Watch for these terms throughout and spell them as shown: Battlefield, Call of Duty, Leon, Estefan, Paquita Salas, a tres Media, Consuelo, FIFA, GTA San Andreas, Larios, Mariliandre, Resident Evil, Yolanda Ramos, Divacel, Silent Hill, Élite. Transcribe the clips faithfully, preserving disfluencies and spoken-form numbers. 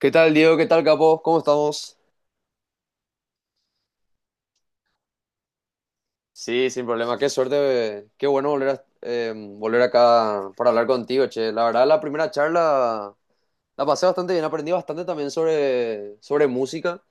¿Qué tal, Diego? ¿Qué tal, capo? ¿Cómo estamos? Sí, sin problema. Qué suerte. eh, Qué bueno volver a, eh, volver acá para hablar contigo, che. La verdad, la primera charla la pasé bastante bien. Aprendí bastante también sobre, sobre música.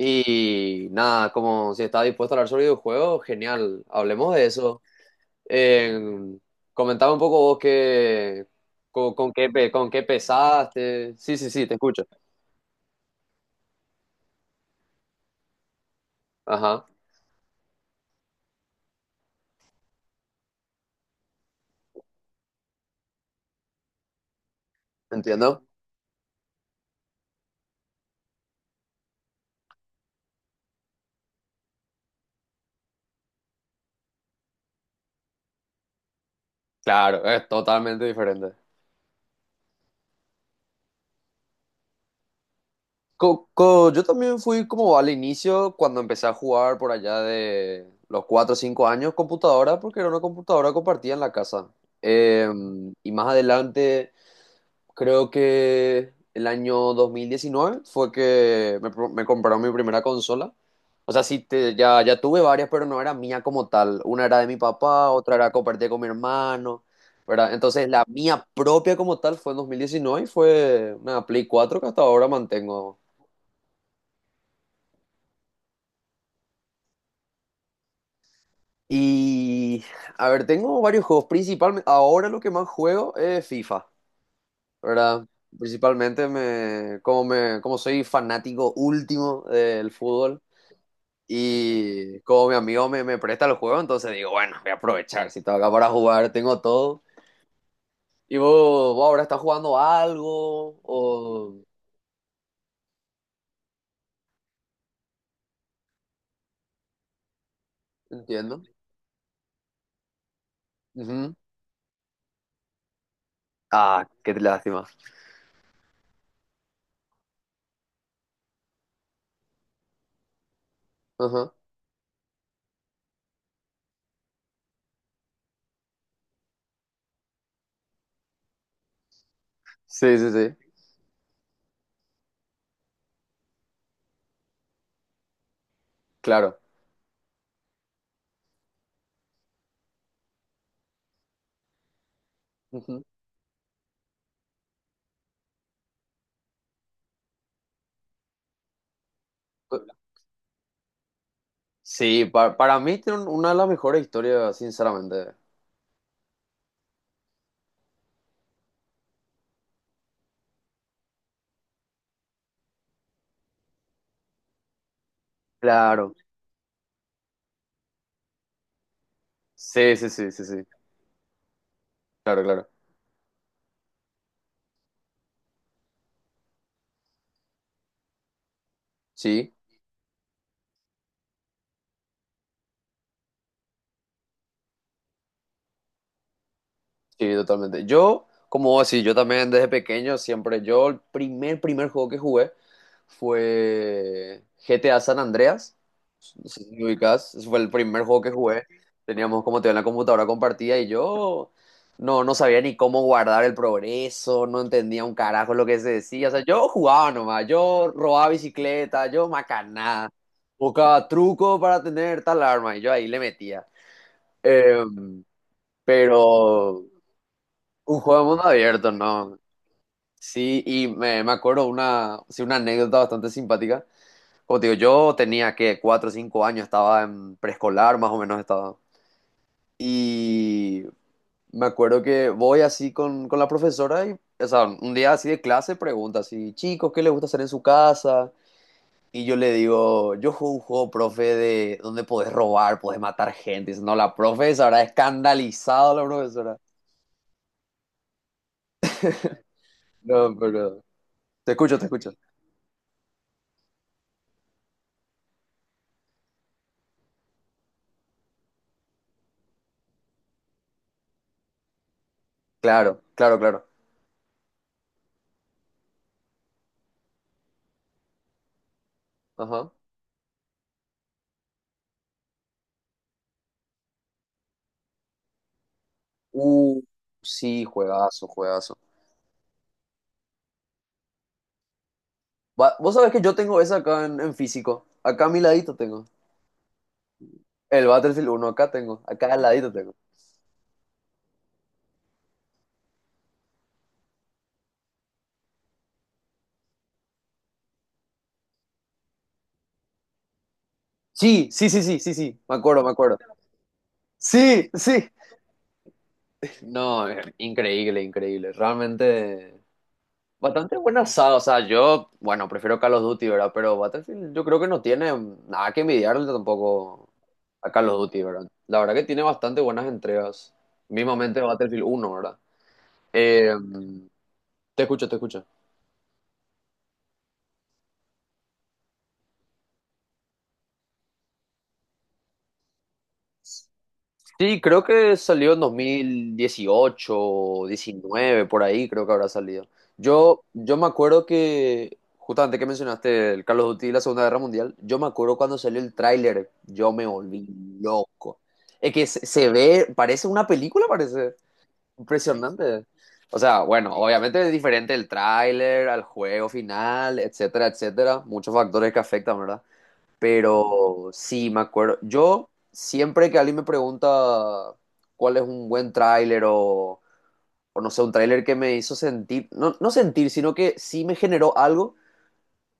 Y nada, como si estás dispuesto a hablar sobre videojuegos, genial. Hablemos de eso. Eh, comentaba un poco vos qué, con, con qué, pe- con qué pesaste. Sí, sí, sí, te escucho. Ajá, entiendo. Claro, es totalmente diferente. Co- co- yo también fui como al inicio cuando empecé a jugar por allá de los cuatro o cinco años computadora, porque era una computadora compartida en la casa. Eh, y más adelante, creo que el año dos mil diecinueve fue que me, pro- me compraron mi primera consola. O sea, sí, te- ya, ya tuve varias, pero no era mía como tal. Una era de mi papá, otra era compartida con mi hermano, ¿verdad? Entonces, la mía propia como tal fue en dos mil diecinueve y fue una Play cuatro que hasta ahora mantengo. Y, a ver, tengo varios juegos. Principalmente, ahora lo que más juego es FIFA, ¿verdad? Principalmente me, como me, como soy fanático último del fútbol y como mi amigo me, me presta los juegos entonces digo, bueno, voy a aprovechar. Si estaba acá para jugar, tengo todo. Y vos, vos ahora estás jugando algo, o... Entiendo. Ujú. Ah, qué lástima. Ajá. Sí, sí, sí, claro. Ujú. Sí, pa- para mí tiene un- una de las mejores historias, sinceramente. Claro. Sí, sí, sí, sí, sí. Claro, claro. Sí. Sí, totalmente. Yo, como vos decís, yo también desde pequeño siempre, yo el primer, primer juego que jugué fue G T A San Andreas. No sé si me ubicás, ese fue el primer juego que jugué. Teníamos como te digo, en la computadora compartida y yo no, no sabía ni cómo guardar el progreso, no entendía un carajo lo que se decía. O sea, yo jugaba nomás, yo robaba bicicleta, yo macanada, buscaba truco para tener tal arma y yo ahí le metía. Em, pero un juego de mundo abierto, ¿no? Sí, y me, me acuerdo una, sí, una anécdota bastante simpática. Como te digo, yo tenía que cuatro o cinco años, estaba en preescolar, más o menos estaba. Y me acuerdo que voy así con, con la profesora y, o sea, un día así de clase pregunta así, chicos, ¿qué les gusta hacer en su casa? Y yo le digo, yo juego un juego, profe, de donde podés robar, podés matar gente. Y dice, no, la profe se habrá escandalizado la profesora. No, pero... Te escucho, te escucho. Claro, claro, claro. Ajá. Uh, sí, juegazo, juegazo. Va- Vos sabés que yo tengo esa acá en, en físico. Acá a mi ladito tengo. El Battlefield uno acá tengo. Acá al ladito tengo. Sí, sí, sí, sí, sí, sí. Me acuerdo, me acuerdo. Sí, sí. No, eh, increíble, increíble. Realmente bastante buena asada. O sea, yo, bueno, prefiero Call of Duty, ¿verdad? Pero Battlefield yo creo que no tiene nada que envidiarle tampoco a Call of Duty, ¿verdad? La verdad que tiene bastante buenas entregas. Mismamente Battlefield uno, ¿verdad? Eh, Te escucho, te escucho. Sí, creo que salió en dos mil dieciocho o diecinueve, por ahí creo que habrá salido. Yo, yo me acuerdo que, justamente que mencionaste el Carlos of Duty y la Segunda Guerra Mundial, yo me acuerdo cuando salió el tráiler, yo me volví loco. Es que se, se ve, parece una película, parece impresionante. O sea, bueno, obviamente es diferente el tráiler al juego final, etcétera, etcétera. Muchos factores que afectan, pero sí, me acuerdo. Yo siempre que alguien me pregunta cuál es un buen tráiler o, o no sé, un tráiler que me hizo sentir, no, no sentir, sino que sí me generó algo,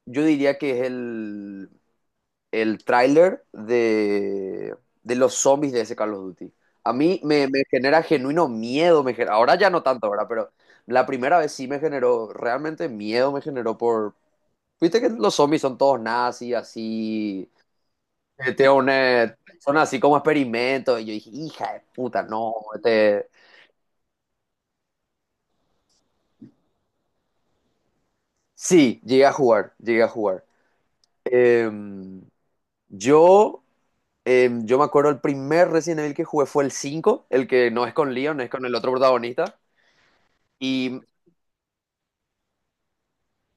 yo diría que es el, el tráiler de, de los zombies de ese Call of Duty. A mí me, me genera genuino miedo, me genera- ahora ya no tanto, ahora, pero la primera vez sí me generó, realmente miedo me generó por... Viste que los zombies son todos nazis, así eh, tiene una, son así como experimentos. Y yo dije, hija de puta, no. Este... Sí, llegué a jugar, llegué a jugar. Em, yo, em, yo me acuerdo el primer Resident Evil que jugué fue el cinco el que no es con Leon, es con el otro protagonista. Y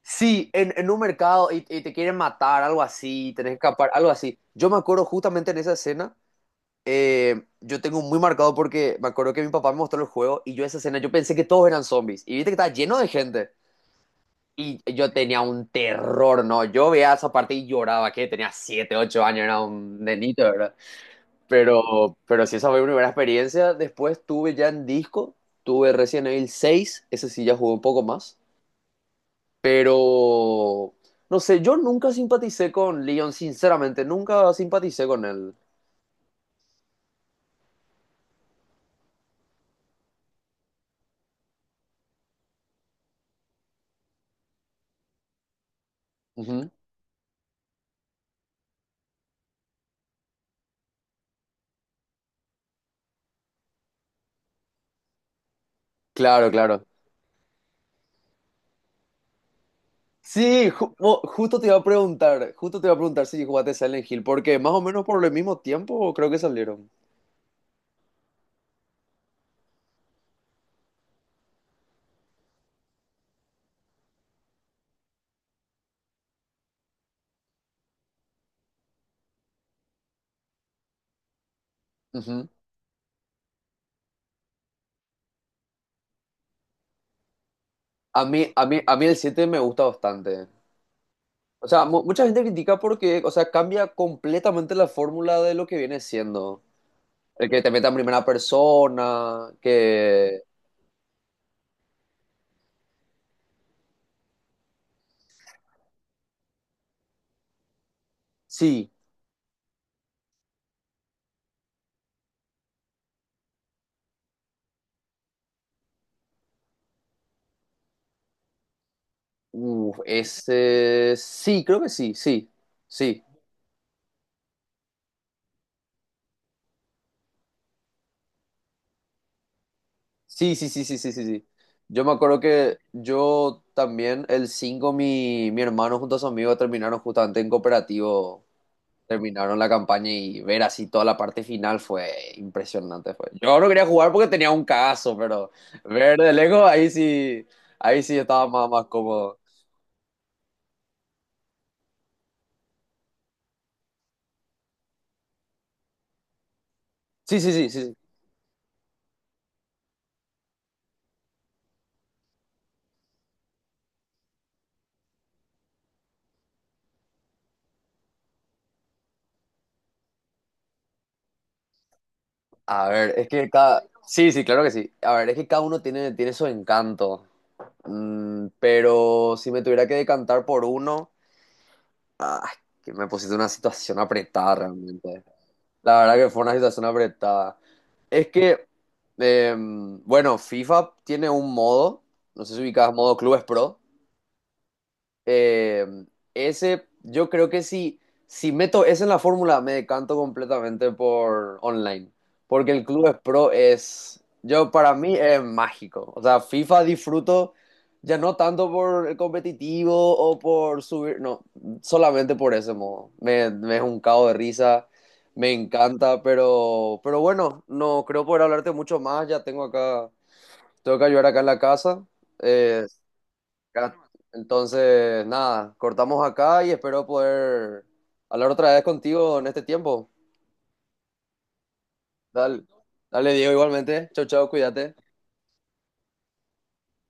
sí, en, en un mercado y, y te quieren matar, algo así, tenés que escapar, algo así. Yo me acuerdo justamente en esa escena, eh, yo tengo muy marcado porque me acuerdo que mi papá me mostró el juego y yo esa escena, yo pensé que todos eran zombies. Y viste que estaba lleno de gente. Y yo tenía un terror, ¿no? Yo veía esa parte y lloraba, que tenía siete ocho años, era un nenito, ¿verdad? Pero, pero sí, esa fue mi primera experiencia. Después tuve ya en disco, tuve Resident Evil seis, ese sí ya jugó un poco más. Pero, no sé, yo nunca simpaticé con Leon, sinceramente, nunca simpaticé con él. Ujú. Claro, claro. Sí, ju- mo- justo te iba a preguntar, justo te iba a preguntar si jugaste Silent Hill, porque más o menos por el mismo tiempo creo que salieron. A mí, a mí, a mí el siete me gusta bastante. O sea, mu- mucha gente critica porque, o sea, cambia completamente la fórmula de lo que viene siendo. El que te meta en primera persona, que... Sí, uf, ese... Sí, creo que sí, sí, sí. Sí, sí, sí, sí, sí, sí, sí. Yo me acuerdo que yo también, el cinco mi, mi hermano junto a su amigo terminaron justamente en cooperativo terminaron la campaña y ver así toda la parte final fue impresionante. Fue. Yo no quería jugar porque tenía un cagazo, pero ver de lejos ahí sí, ahí sí estaba más, más cómodo. Sí, sí, sí, sí, sí. A ver, es que cada... Sí, sí, claro que sí. A ver, es que cada uno tiene, tiene su encanto. Mm, pero si me tuviera que decantar por uno, ah, que me pusiste en una situación apretada realmente. La verdad que fue una situación apretada. Es que, eh, bueno, FIFA tiene un modo, no sé si ubicabas modo Clubes Pro. Eh, ese, yo creo que si, si meto esa en la fórmula, me decanto completamente por online. Porque el Clubes Pro es, yo para mí es mágico. O sea, FIFA disfruto ya no tanto por el competitivo o por subir, no, solamente por ese modo. Me, me es un cago de risa, me encanta, pero, pero bueno, no creo poder hablarte mucho más. Ya tengo acá, tengo que ayudar acá en la casa. eh, acá. Entonces, nada, cortamos acá y espero poder hablar otra vez contigo en este tiempo. Dale, dale, Diego, igualmente. Chau, chau, cuídate.